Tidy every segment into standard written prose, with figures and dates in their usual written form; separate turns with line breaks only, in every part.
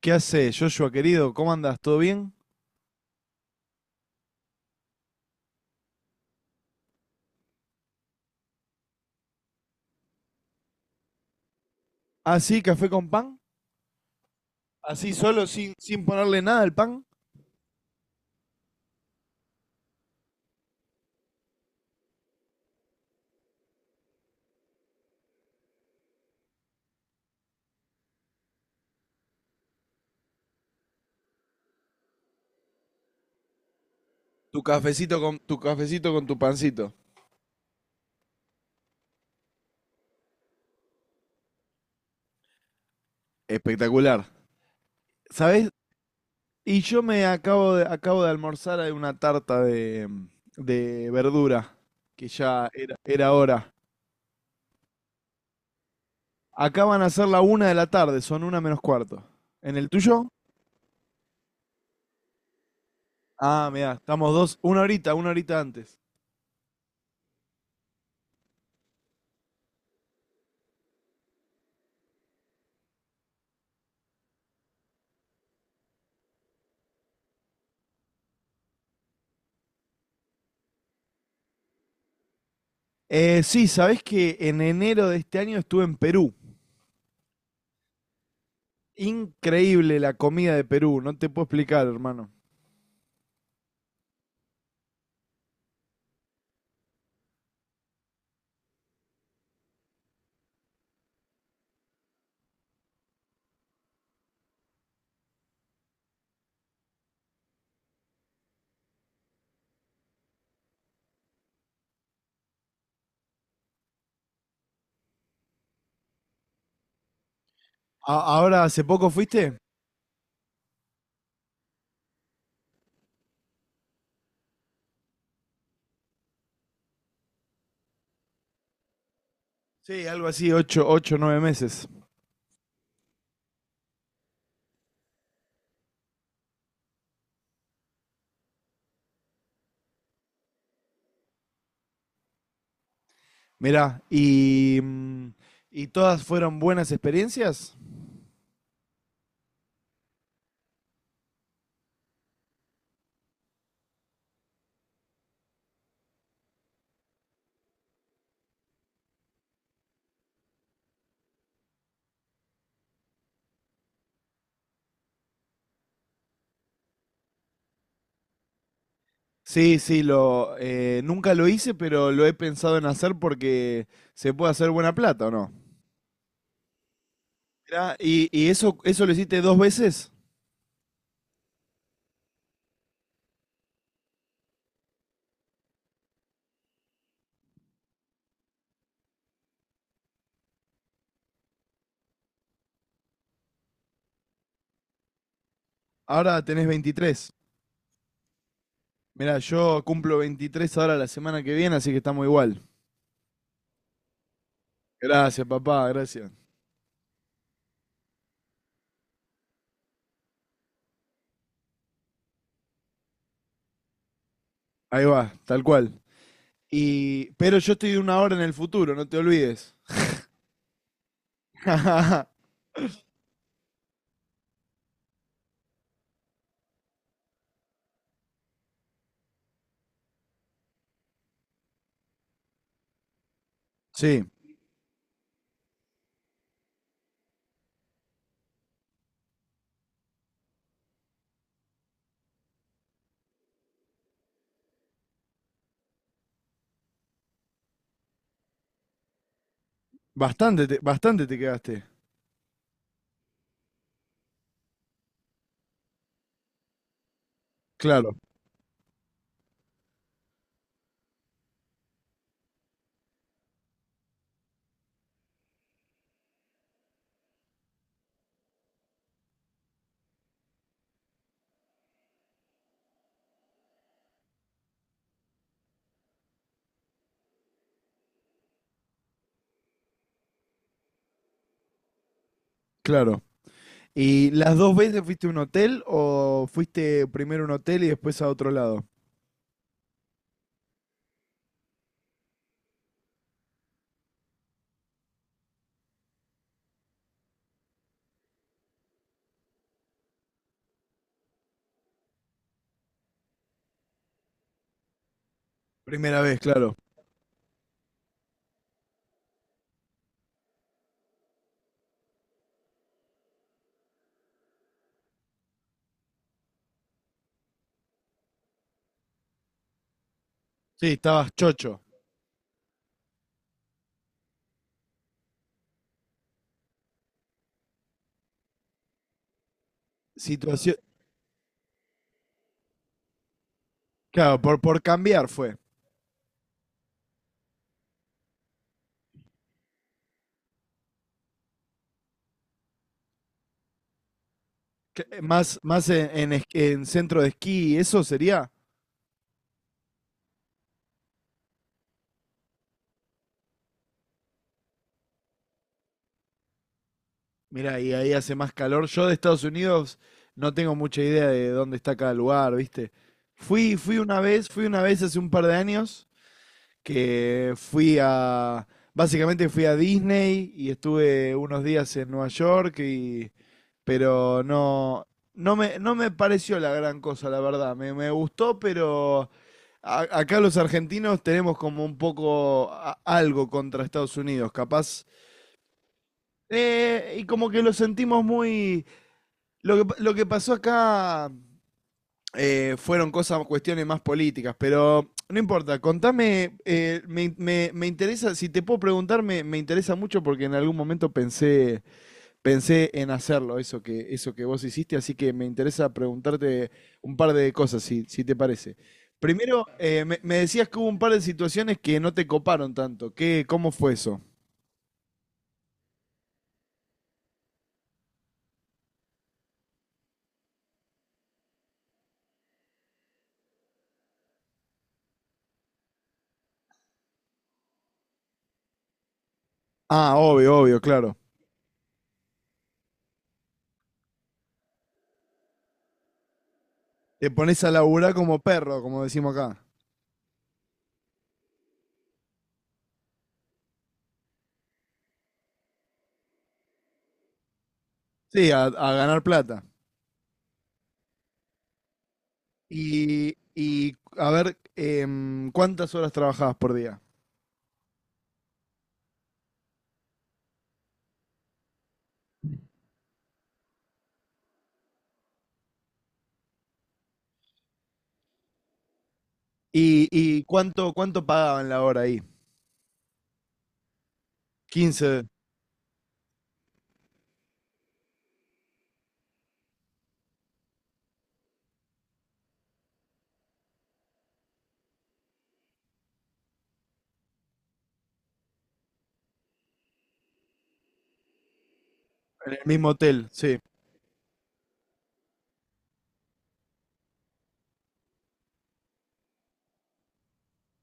¿Qué hace, Joshua querido? ¿Cómo andas? ¿Todo bien? ¿Así, café con pan? ¿Así solo, sin ponerle nada al pan? Tu cafecito con tu cafecito con tu pancito. Espectacular. ¿Sabés? Y yo me acabo de almorzar de una tarta de verdura, que ya era hora. Acá van a ser la una de la tarde, son una menos cuarto. ¿En el tuyo? Ah, mira, estamos dos, una horita antes. Sí, ¿sabés que en enero de este año estuve en Perú? Increíble la comida de Perú, no te puedo explicar, hermano. ¿Ahora hace poco fuiste? Sí, algo así, ocho, ocho, nueve meses. Mirá, ¿y todas fueron buenas experiencias? Sí, sí, nunca lo hice, pero lo he pensado en hacer porque se puede hacer buena plata, ¿o no? Mirá, ¿y eso lo hiciste dos veces? Ahora tenés 23. Mirá, yo cumplo 23 ahora la semana que viene, así que estamos igual. Gracias, papá, gracias. Ahí va, tal cual. Y, pero yo estoy una hora en el futuro, no te olvides. Sí, bastante te quedaste. Claro, claro. ¿Y las dos veces fuiste a un hotel o fuiste primero a un hotel y después a otro lado? Primera vez, claro. Sí, estabas chocho. Situación, claro, por cambiar fue. Más en centro de esquí, ¿eso sería? Mira, y ahí hace más calor. Yo de Estados Unidos no tengo mucha idea de dónde está cada lugar, ¿viste? Fui una vez hace un par de años que básicamente fui a Disney y estuve unos días en Nueva York y, pero no, no me pareció la gran cosa, la verdad. Me gustó, pero acá los argentinos tenemos como un poco algo contra Estados Unidos, capaz. Y como que lo sentimos muy, lo que pasó acá fueron cosas, cuestiones más políticas, pero no importa. Contame, me interesa, si te puedo preguntar, me interesa mucho porque en algún momento pensé en hacerlo, eso que vos hiciste, así que me interesa preguntarte un par de cosas, si te parece. Primero, me decías que hubo un par de situaciones que no te coparon tanto. Cómo fue eso? Ah, obvio, obvio, claro. Te pones a laburar como perro, como decimos acá. Sí, a ganar plata. Y a ver, ¿cuántas horas trabajabas por día? ¿Y cuánto pagaban la hora ahí? 15 en el mismo hotel, sí.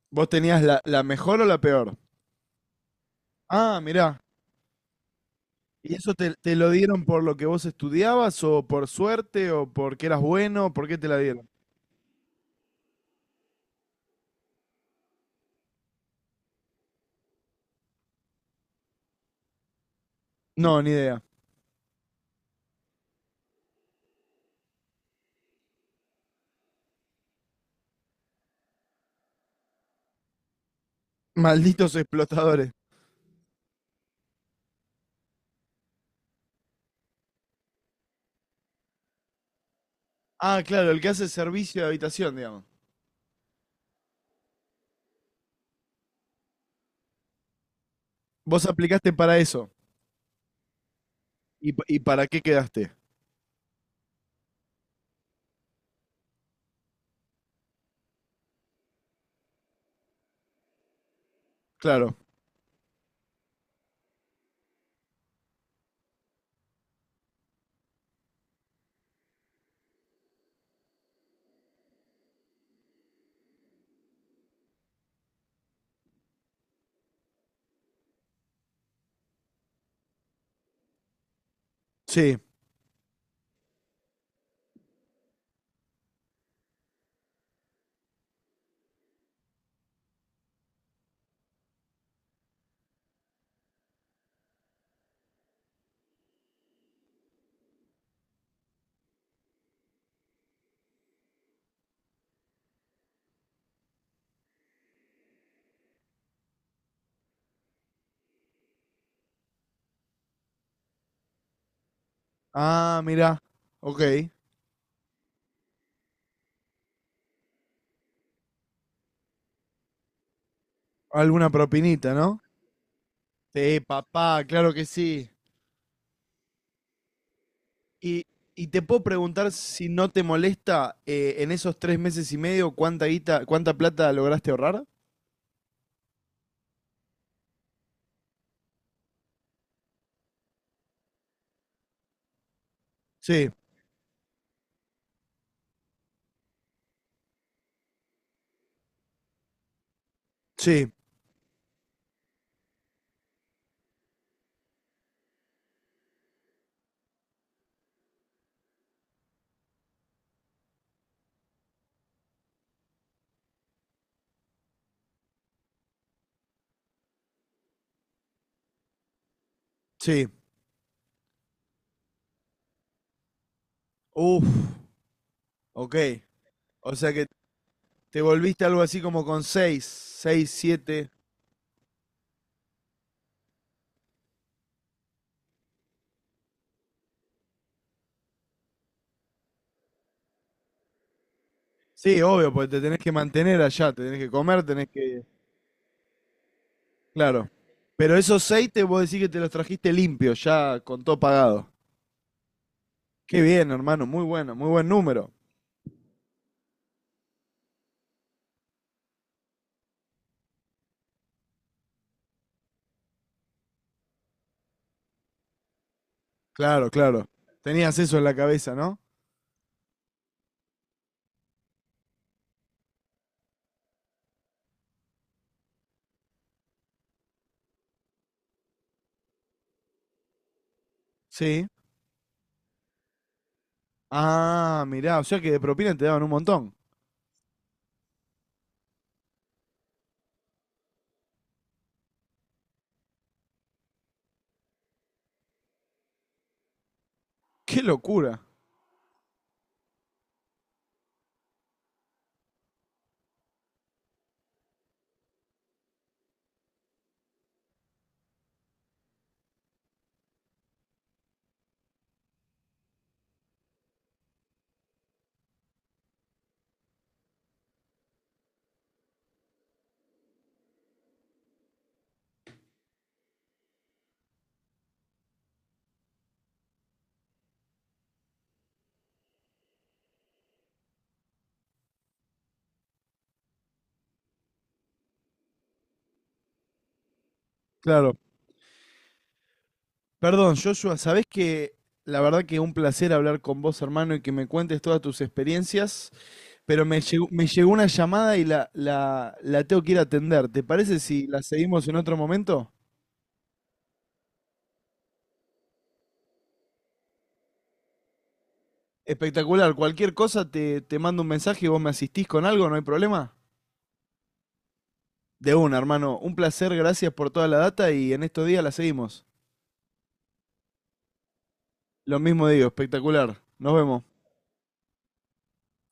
¿Vos tenías la mejor o la peor? Ah, mirá. ¿Y eso te lo dieron por lo que vos estudiabas o por suerte o porque eras bueno? ¿Por qué te la dieron? No, ni idea. Malditos explotadores. Ah, claro, el que hace servicio de habitación, digamos. Vos aplicaste para eso. ¿Y para qué quedaste? Claro. Sí. Ah, mirá. Ok. Alguna propinita, ¿no? Sí, papá, claro que sí. Y, y te puedo preguntar si no te molesta en esos 3 meses y medio cuánta guita, cuánta plata lograste ahorrar. Sí, sí, sí. Uf, ok. O sea que te volviste algo así como con seis, seis, siete. Sí, obvio, porque te tenés que mantener allá, te tenés que comer, tenés que... Claro. Pero esos seis te puedo decir que te los trajiste limpios, ya con todo pagado. Qué bien, hermano, muy bueno, muy buen número. Claro, claro. Tenías eso en la cabeza, ¿no? Sí. Ah, mirá, o sea que de propina te daban un montón. ¡Qué locura! Claro. Perdón, Joshua, ¿sabés que la verdad que un placer hablar con vos, hermano, y que me cuentes todas tus experiencias? Pero me llegó una llamada y la tengo que ir a atender. ¿Te parece si la seguimos en otro momento? Espectacular. Cualquier cosa te mando un mensaje y vos me asistís con algo, no hay problema. De una, hermano. Un placer, gracias por toda la data y en estos días la seguimos. Lo mismo digo, espectacular. Nos vemos.